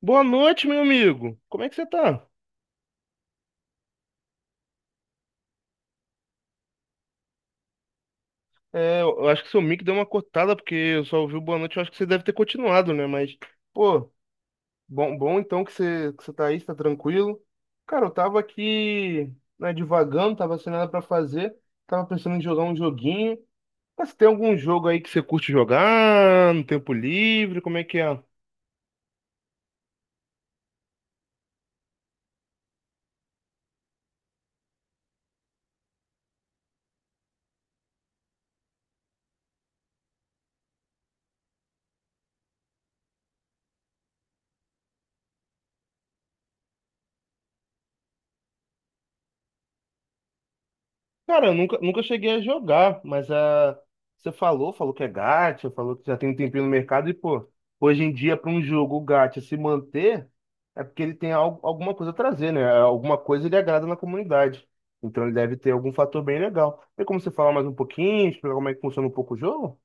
Boa noite, meu amigo. Como é que você tá? É, eu acho que seu mic deu uma cortada, porque eu só ouvi o boa noite. Eu acho que você deve ter continuado, né? Mas, pô, bom então que você tá aí, você tá tranquilo. Cara, eu tava aqui, né, divagando, tava sem nada pra fazer. Tava pensando em jogar um joguinho. Mas tem algum jogo aí que você curte jogar no tempo livre? Como é que é? Cara, eu nunca cheguei a jogar, mas você falou que é gacha, falou que já tem um tempinho no mercado e, pô, hoje em dia, para um jogo gacha se manter, é porque ele tem alguma coisa a trazer, né? É, alguma coisa ele agrada na comunidade. Então ele deve ter algum fator bem legal. Tem como você falar mais um pouquinho, explicar como é que funciona um pouco o jogo?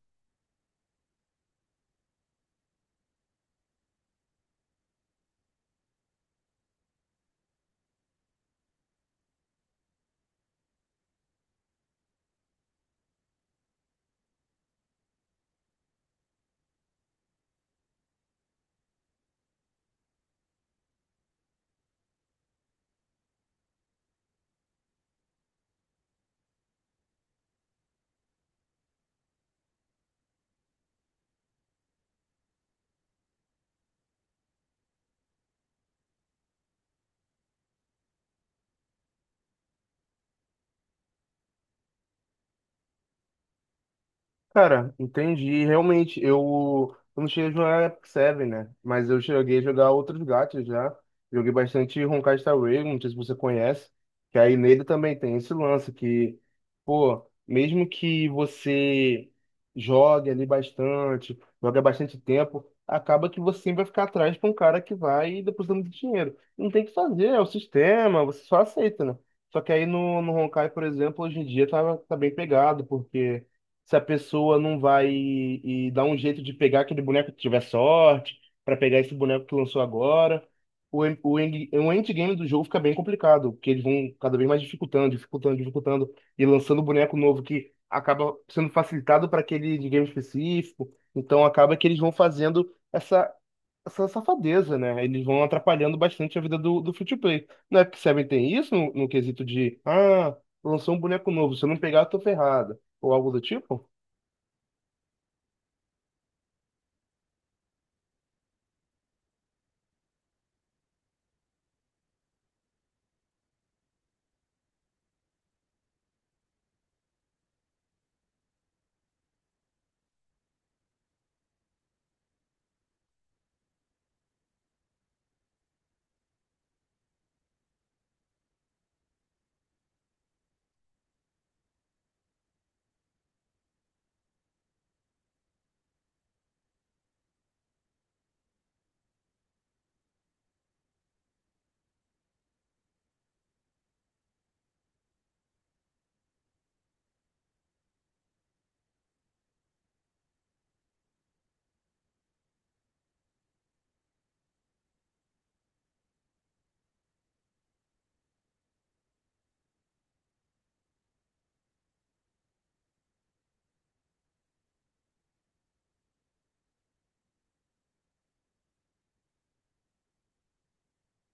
Cara, entendi. Realmente, eu não cheguei a jogar Epic Seven, né? Mas eu cheguei a jogar outros gatos já. Joguei bastante Honkai Star Rail, não sei se você conhece. Que aí nele também tem esse lance que, pô, mesmo que você jogue ali bastante, jogue há bastante tempo, acaba que você sempre vai ficar atrás pra um cara que vai depositando dinheiro. Não tem o que fazer, é o sistema, você só aceita, né? Só que aí no Honkai, por exemplo, hoje em dia tá bem pegado, porque se a pessoa não vai e dar um jeito de pegar aquele boneco que tiver sorte, pra pegar esse boneco que lançou agora. O endgame do jogo fica bem complicado, porque eles vão cada vez mais dificultando, e lançando boneco novo que acaba sendo facilitado para aquele endgame específico. Então acaba que eles vão fazendo essa safadeza, né? Eles vão atrapalhando bastante a vida do free-to-play. Não é que Seven tem isso no quesito de, lançou um boneco novo, se eu não pegar, eu tô ferrado, ou algo do tipo?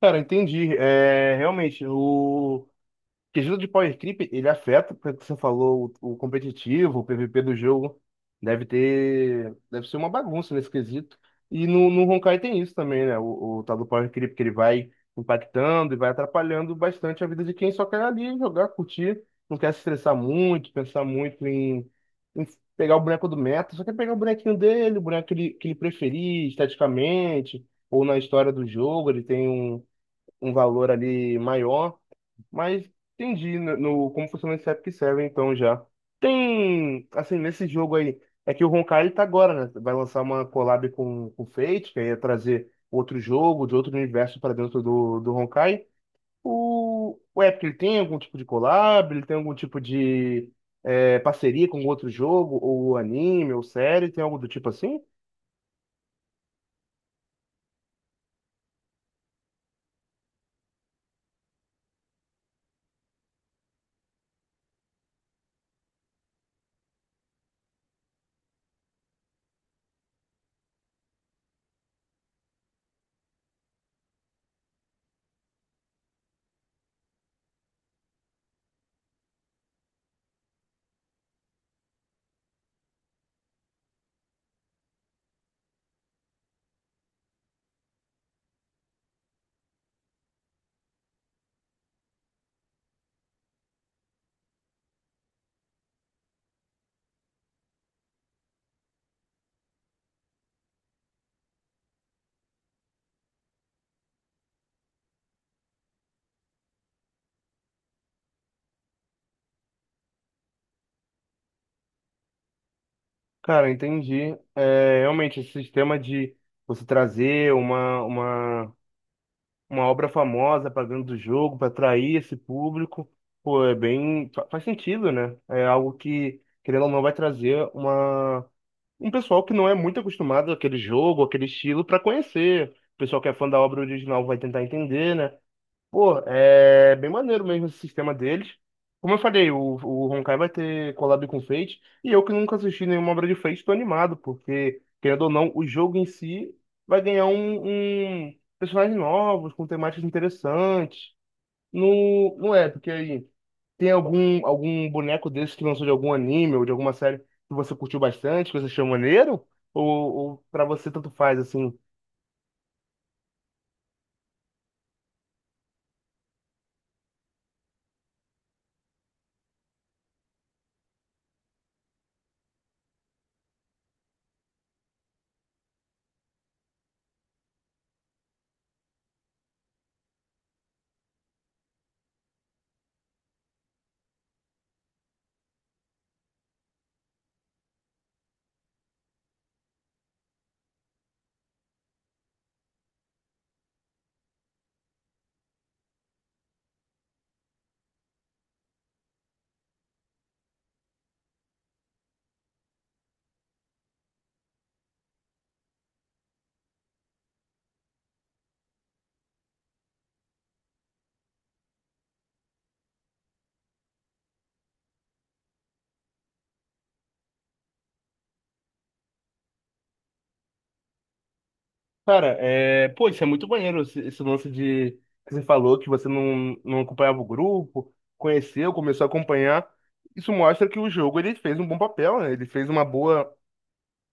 Cara, entendi. É, realmente, o quesito de Power Creep, ele afeta, pelo que você falou, o competitivo, o PVP do jogo. Deve ter, deve ser uma bagunça nesse quesito. E no Honkai tem isso também, né? O tal do Power Creep, que ele vai impactando e vai atrapalhando bastante a vida de quem só quer ali jogar, curtir, não quer se estressar muito, pensar muito em, em pegar o boneco do meta, só quer pegar o bonequinho dele, o boneco que ele preferir esteticamente, ou na história do jogo, ele tem um valor ali maior, mas entendi como funciona esse Epic Seven então já. Tem, assim, nesse jogo aí, é que o Honkai ele tá agora, né? Vai lançar uma collab com o Fate, que aí ia trazer outro jogo de outro universo para dentro do Honkai. O Epic ele tem algum tipo de collab, ele tem algum tipo de parceria com outro jogo, ou anime, ou série, tem algo do tipo assim? Cara, entendi. É, realmente, esse sistema de você trazer uma obra famosa para dentro do jogo, para atrair esse público, pô, é bem, faz sentido, né? É algo que, querendo ou não, vai trazer uma, um pessoal que não é muito acostumado àquele jogo, àquele estilo, para conhecer. O pessoal que é fã da obra original vai tentar entender, né? Pô, é bem maneiro mesmo esse sistema deles. Como eu falei, o Honkai vai ter collab com Fate, e eu que nunca assisti nenhuma obra de Fate, tô animado, porque, querendo ou não, o jogo em si vai ganhar um personagens novos, com temáticas interessantes. Não, porque aí tem algum boneco desse que lançou de algum anime ou de alguma série que você curtiu bastante, que você achou maneiro? Ou pra você tanto faz, assim? Cara, é... pô, isso é muito maneiro, esse lance de que você falou que você não acompanhava o grupo, conheceu, começou a acompanhar. Isso mostra que o jogo ele fez um bom papel, né? Ele fez uma boa,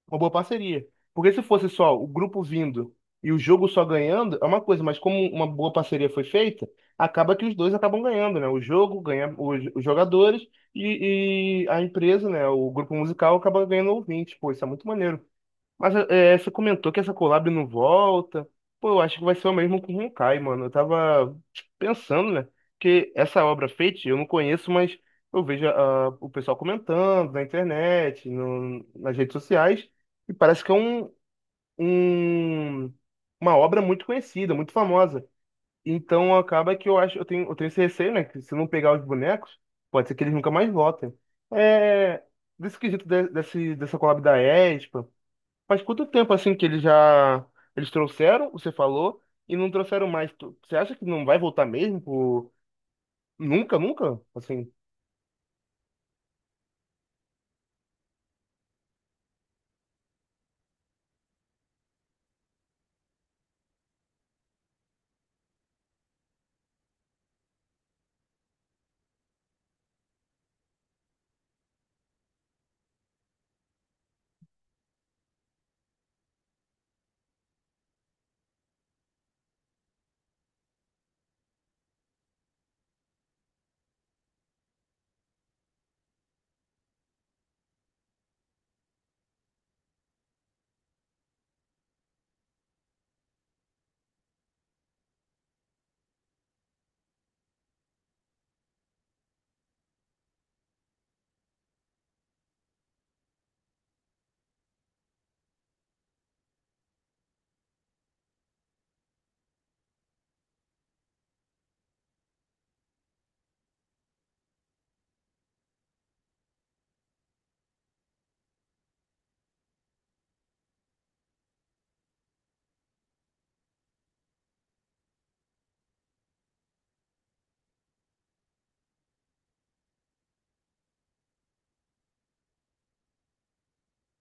uma boa parceria. Porque se fosse só o grupo vindo e o jogo só ganhando, é uma coisa, mas como uma boa parceria foi feita, acaba que os dois acabam ganhando, né? O jogo ganha os jogadores e a empresa, né? O grupo musical acaba ganhando ouvintes. Pô, isso é muito maneiro. Mas é, você comentou que essa collab não volta. Pô, eu acho que vai ser o mesmo com Honkai, mano. Eu tava tipo, pensando, né? Que essa obra Fate eu não conheço, mas eu vejo o pessoal comentando na internet, nas redes sociais, e parece que é um- uma obra muito conhecida, muito famosa. Então acaba que eu acho, eu tenho esse receio, né? Que se eu não pegar os bonecos, pode ser que eles nunca mais voltem. É, desse dessa collab da Espa. Faz quanto tempo assim que eles trouxeram, você falou, e não trouxeram mais? Você acha que não vai voltar mesmo? Nunca, nunca? Assim,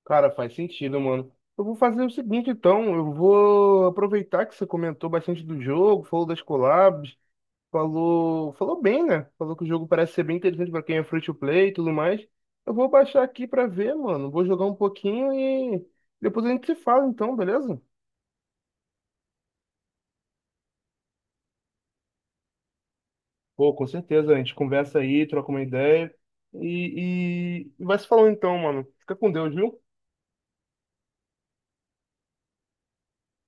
cara, faz sentido, mano. Eu vou fazer o seguinte, então, eu vou aproveitar que você comentou bastante do jogo, falou das collabs, falou bem, né? Falou que o jogo parece ser bem interessante pra quem é free to play e tudo mais. Eu vou baixar aqui pra ver, mano. Vou jogar um pouquinho e depois a gente se fala, então, beleza? Pô, com certeza, a gente conversa aí, troca uma ideia e vai se falando então, mano. Fica com Deus, viu?